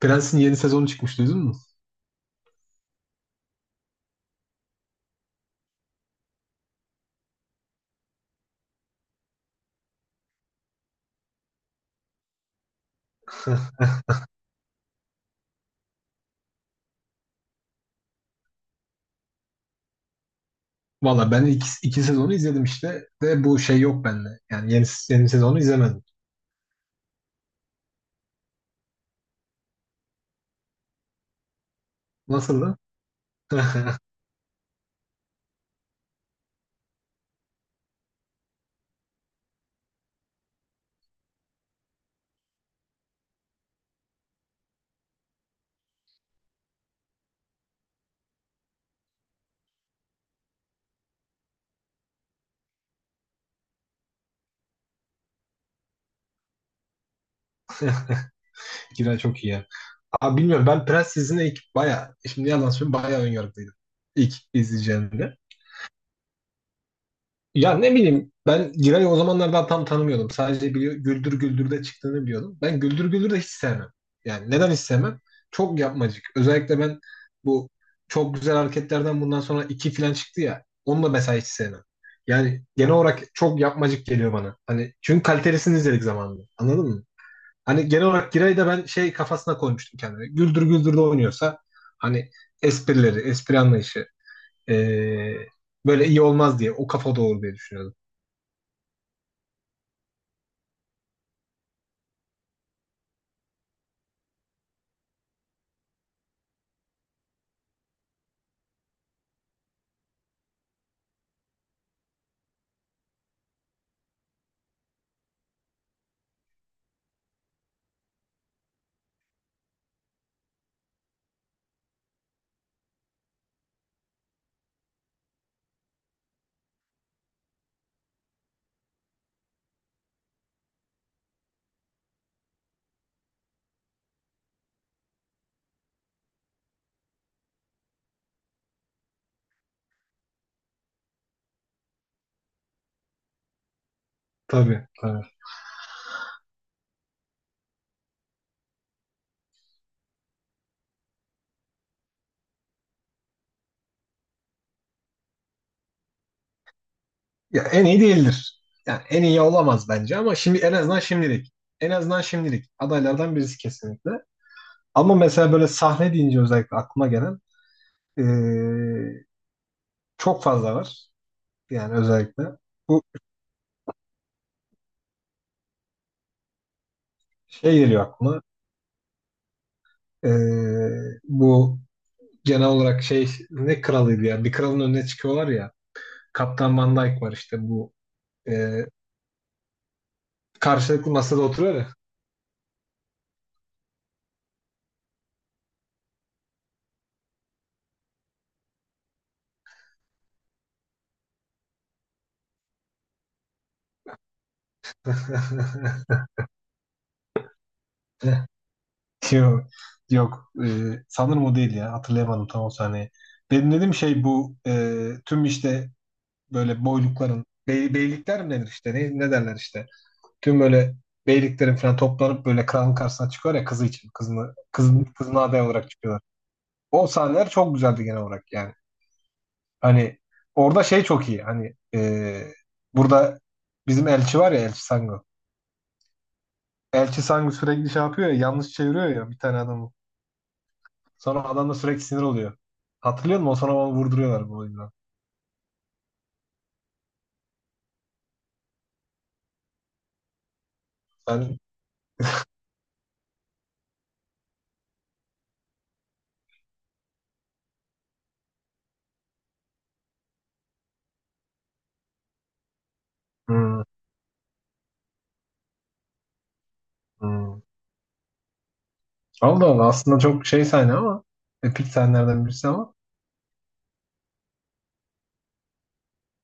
Prens'in yeni sezonu çıkmış duydun mu? Valla ben iki sezonu izledim işte. De bu şey yok bende. Yani yeni sezonu izlemedim. Nasıldı? Kira çok iyi ya. Abi bilmiyorum ben Prens dizisine ilk baya şimdi yalan söyleyeyim bayağı önyargılıydım. İlk izleyeceğimde. Ya ne bileyim ben Giray'ı o zamanlar daha tam tanımıyordum. Sadece biliyor, Güldür Güldür'de çıktığını biliyordum. Ben Güldür Güldür'de hiç sevmem. Yani neden hiç sevmem? Çok yapmacık. Özellikle ben bu çok güzel hareketlerden bundan sonra iki falan çıktı ya. Onu da mesela hiç sevmem. Yani genel olarak çok yapmacık geliyor bana. Hani çünkü kalitelisini izledik zamanında. Anladın mı? Hani genel olarak Giray'ı da ben şey kafasına koymuştum kendime. Güldür Güldür'de oynuyorsa hani esprileri, espri anlayışı ee, böyle iyi olmaz diye o kafa doğru diye düşünüyordum. Tabii, tabii. Ya en iyi değildir. Yani en iyi olamaz bence ama şimdi en azından şimdilik. En azından şimdilik. Adaylardan birisi kesinlikle. Ama mesela böyle sahne deyince özellikle aklıma gelen eee, çok fazla var. Yani özellikle. Bu şey geliyor aklıma. Bu genel olarak şey ne kralıydı ya? Bir kralın önüne çıkıyorlar ya. Kaptan Van Dyke var işte bu. eee, Karşılıklı masada oturuyor ya. Yok, yok. Sanırım o değil ya. Hatırlayamadım tam o sahneyi. Benim dediğim şey bu tüm işte böyle boylukların beylikler mi denir işte ne derler işte. Tüm böyle beyliklerin falan toplanıp böyle kralın karşısına çıkıyor ya kızı için. Kızına aday olarak çıkıyorlar. O sahneler çok güzeldi genel olarak yani. Hani orada şey çok iyi. Hani burada bizim elçi var ya Elçi Sango. Elçi Sango sürekli şey yapıyor ya yanlış çeviriyor ya bir tane adamı. Sonra adam da sürekli sinir oluyor. Hatırlıyor musun? O sonra onu vurduruyorlar bu oyundan. Ben hmm, hmm. Allah Allah aslında çok şey sahne ama epik sahnelerden birisi ama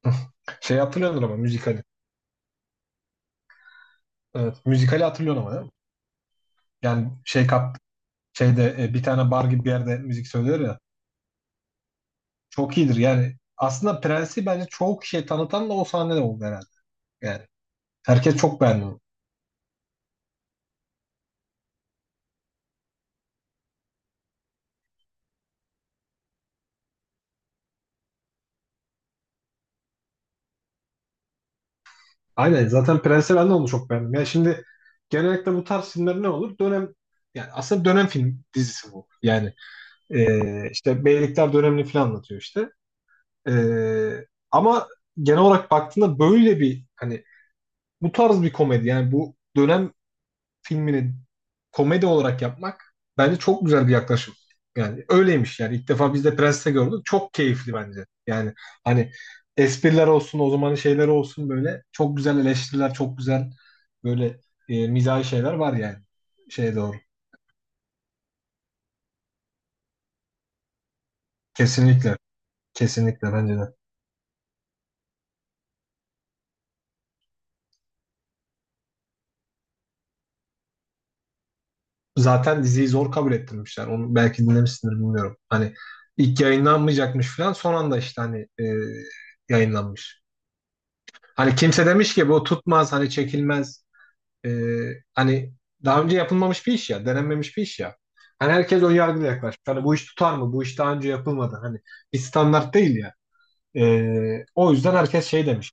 şey hatırlıyordur ama müzikali. Evet, müzikali hatırlıyorsun ama değil mi? Yani şey kap şeyde bir tane bar gibi bir yerde müzik söylüyor ya. Çok iyidir yani. Aslında Prens'i bence çok şey tanıtan da o sahne de oldu herhalde. Yani herkes çok beğendi onu. Aynen zaten Prensel ben de onu çok beğendim. Yani şimdi genellikle bu tarz filmler ne olur? Dönem yani aslında dönem film dizisi bu. Yani işte beylikler dönemini falan anlatıyor işte. Ama genel olarak baktığında böyle bir hani bu tarz bir komedi yani bu dönem filmini komedi olarak yapmak bence çok güzel bir yaklaşım. Yani öyleymiş yani. İlk defa biz de Prens'te gördük. Çok keyifli bence. Yani hani espriler olsun, o zamanın şeyleri olsun böyle çok güzel eleştiriler, çok güzel böyle mizahi şeyler var yani. Şeye doğru. Kesinlikle. Kesinlikle bence de. Zaten diziyi zor kabul ettirmişler. Onu belki dinlemişsindir bilmiyorum. Hani ilk yayınlanmayacakmış falan son anda işte hani yayınlanmış. Hani kimse demiş ki bu tutmaz hani çekilmez. Ee, hani daha önce yapılmamış bir iş ya, denenmemiş bir iş ya. Hani herkes ön yargıyla yaklaşmış. Hani bu iş tutar mı? Bu iş daha önce yapılmadı. Hani bir standart değil ya. O yüzden herkes şey demiş.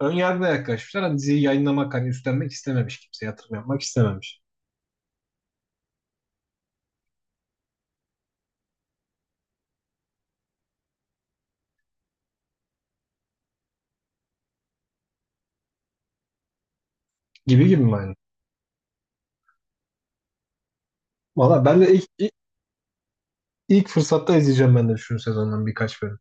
Ön yargıyla yaklaşmışlar. Hani diziyi yayınlamak, hani üstlenmek istememiş. Kimse yatırım yapmak istememiş. Gibi gibi mi aynı? Valla ben de ilk fırsatta izleyeceğim ben de şu sezondan birkaç bölüm.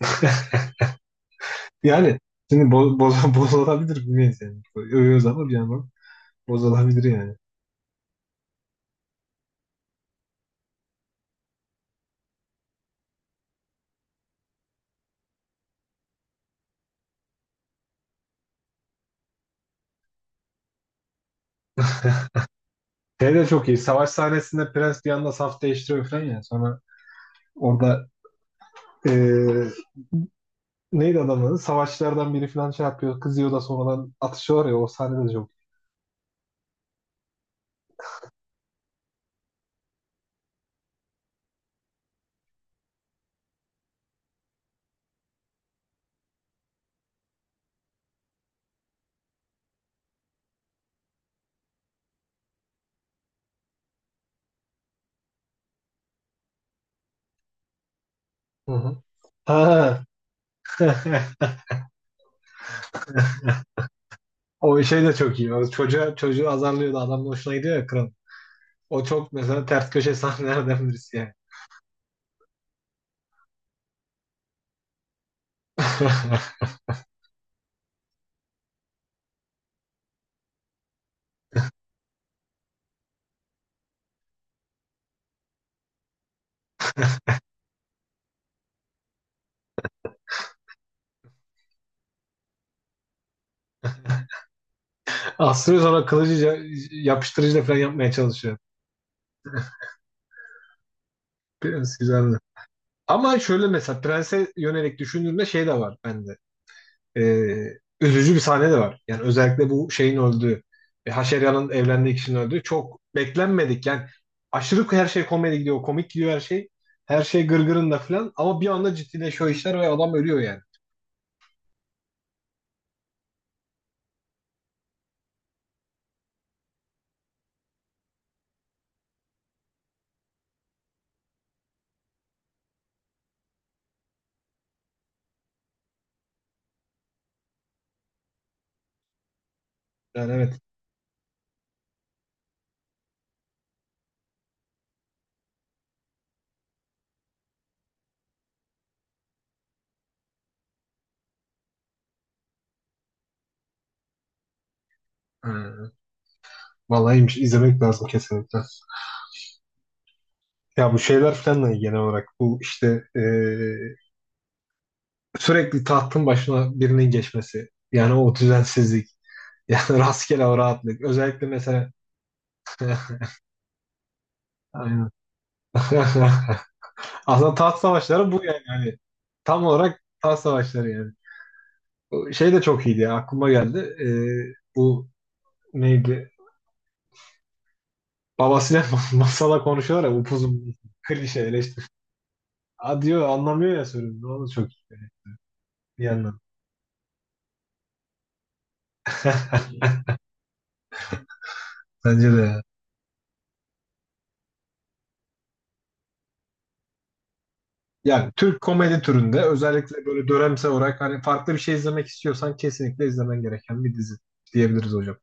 Yani şimdi boz bozulabilir bilmeyiz yani. Övüyoruz ama bir yandan bozulabilir yani. Şey de çok iyi. Savaş sahnesinde Prens bir anda saf değiştiriyor falan ya. Sonra orada e, neydi adamın adı? Savaşçılardan biri falan şey yapıyor. Kızıyor da sonradan atışıyorlar ya. O sahne de çok iyi. Hı hı. Ha. O şey de çok iyi. O çocuğu azarlıyor da adamın hoşuna gidiyor ya kral. O çok mesela ters köşe sahnelerden birisi yani. Astırıyor sonra kılıcı yapıştırıcıyla falan yapmaya çalışıyor. Prens güzeldi. Ama şöyle mesela prense yönelik düşündüğümde şey de var bende. e, Üzücü bir sahne de var. Yani özellikle bu şeyin öldüğü, Haşerya'nın evlendiği kişinin öldüğü çok beklenmedik. Yani aşırı her şey komedi gidiyor, komik gidiyor her şey. Her şey gırgırında falan ama bir anda ciddileşiyor işler ve adam ölüyor yani. Yani evet. Ee, Vallahi iyiymiş. İzlemek lazım kesinlikle. Ya bu şeyler falan da iyi genel olarak. Bu işte sürekli tahtın başına birinin geçmesi. Yani o düzensizlik. Yani rastgele o rahatlık. Özellikle mesela Aynen. Aslında taht savaşları bu yani. Hani tam olarak taht savaşları yani. O şey de çok iyiydi ya. Aklıma geldi. Bu neydi? Babasıyla masala konuşuyorlar ya upuzun klişe eleştiri. Aa diyor anlamıyor ya sözünü. O da çok iyi bir yandan. Bence de ya. Yani Türk komedi türünde özellikle böyle dönemsel olarak hani farklı bir şey izlemek istiyorsan kesinlikle izlemen gereken bir dizi diyebiliriz hocam.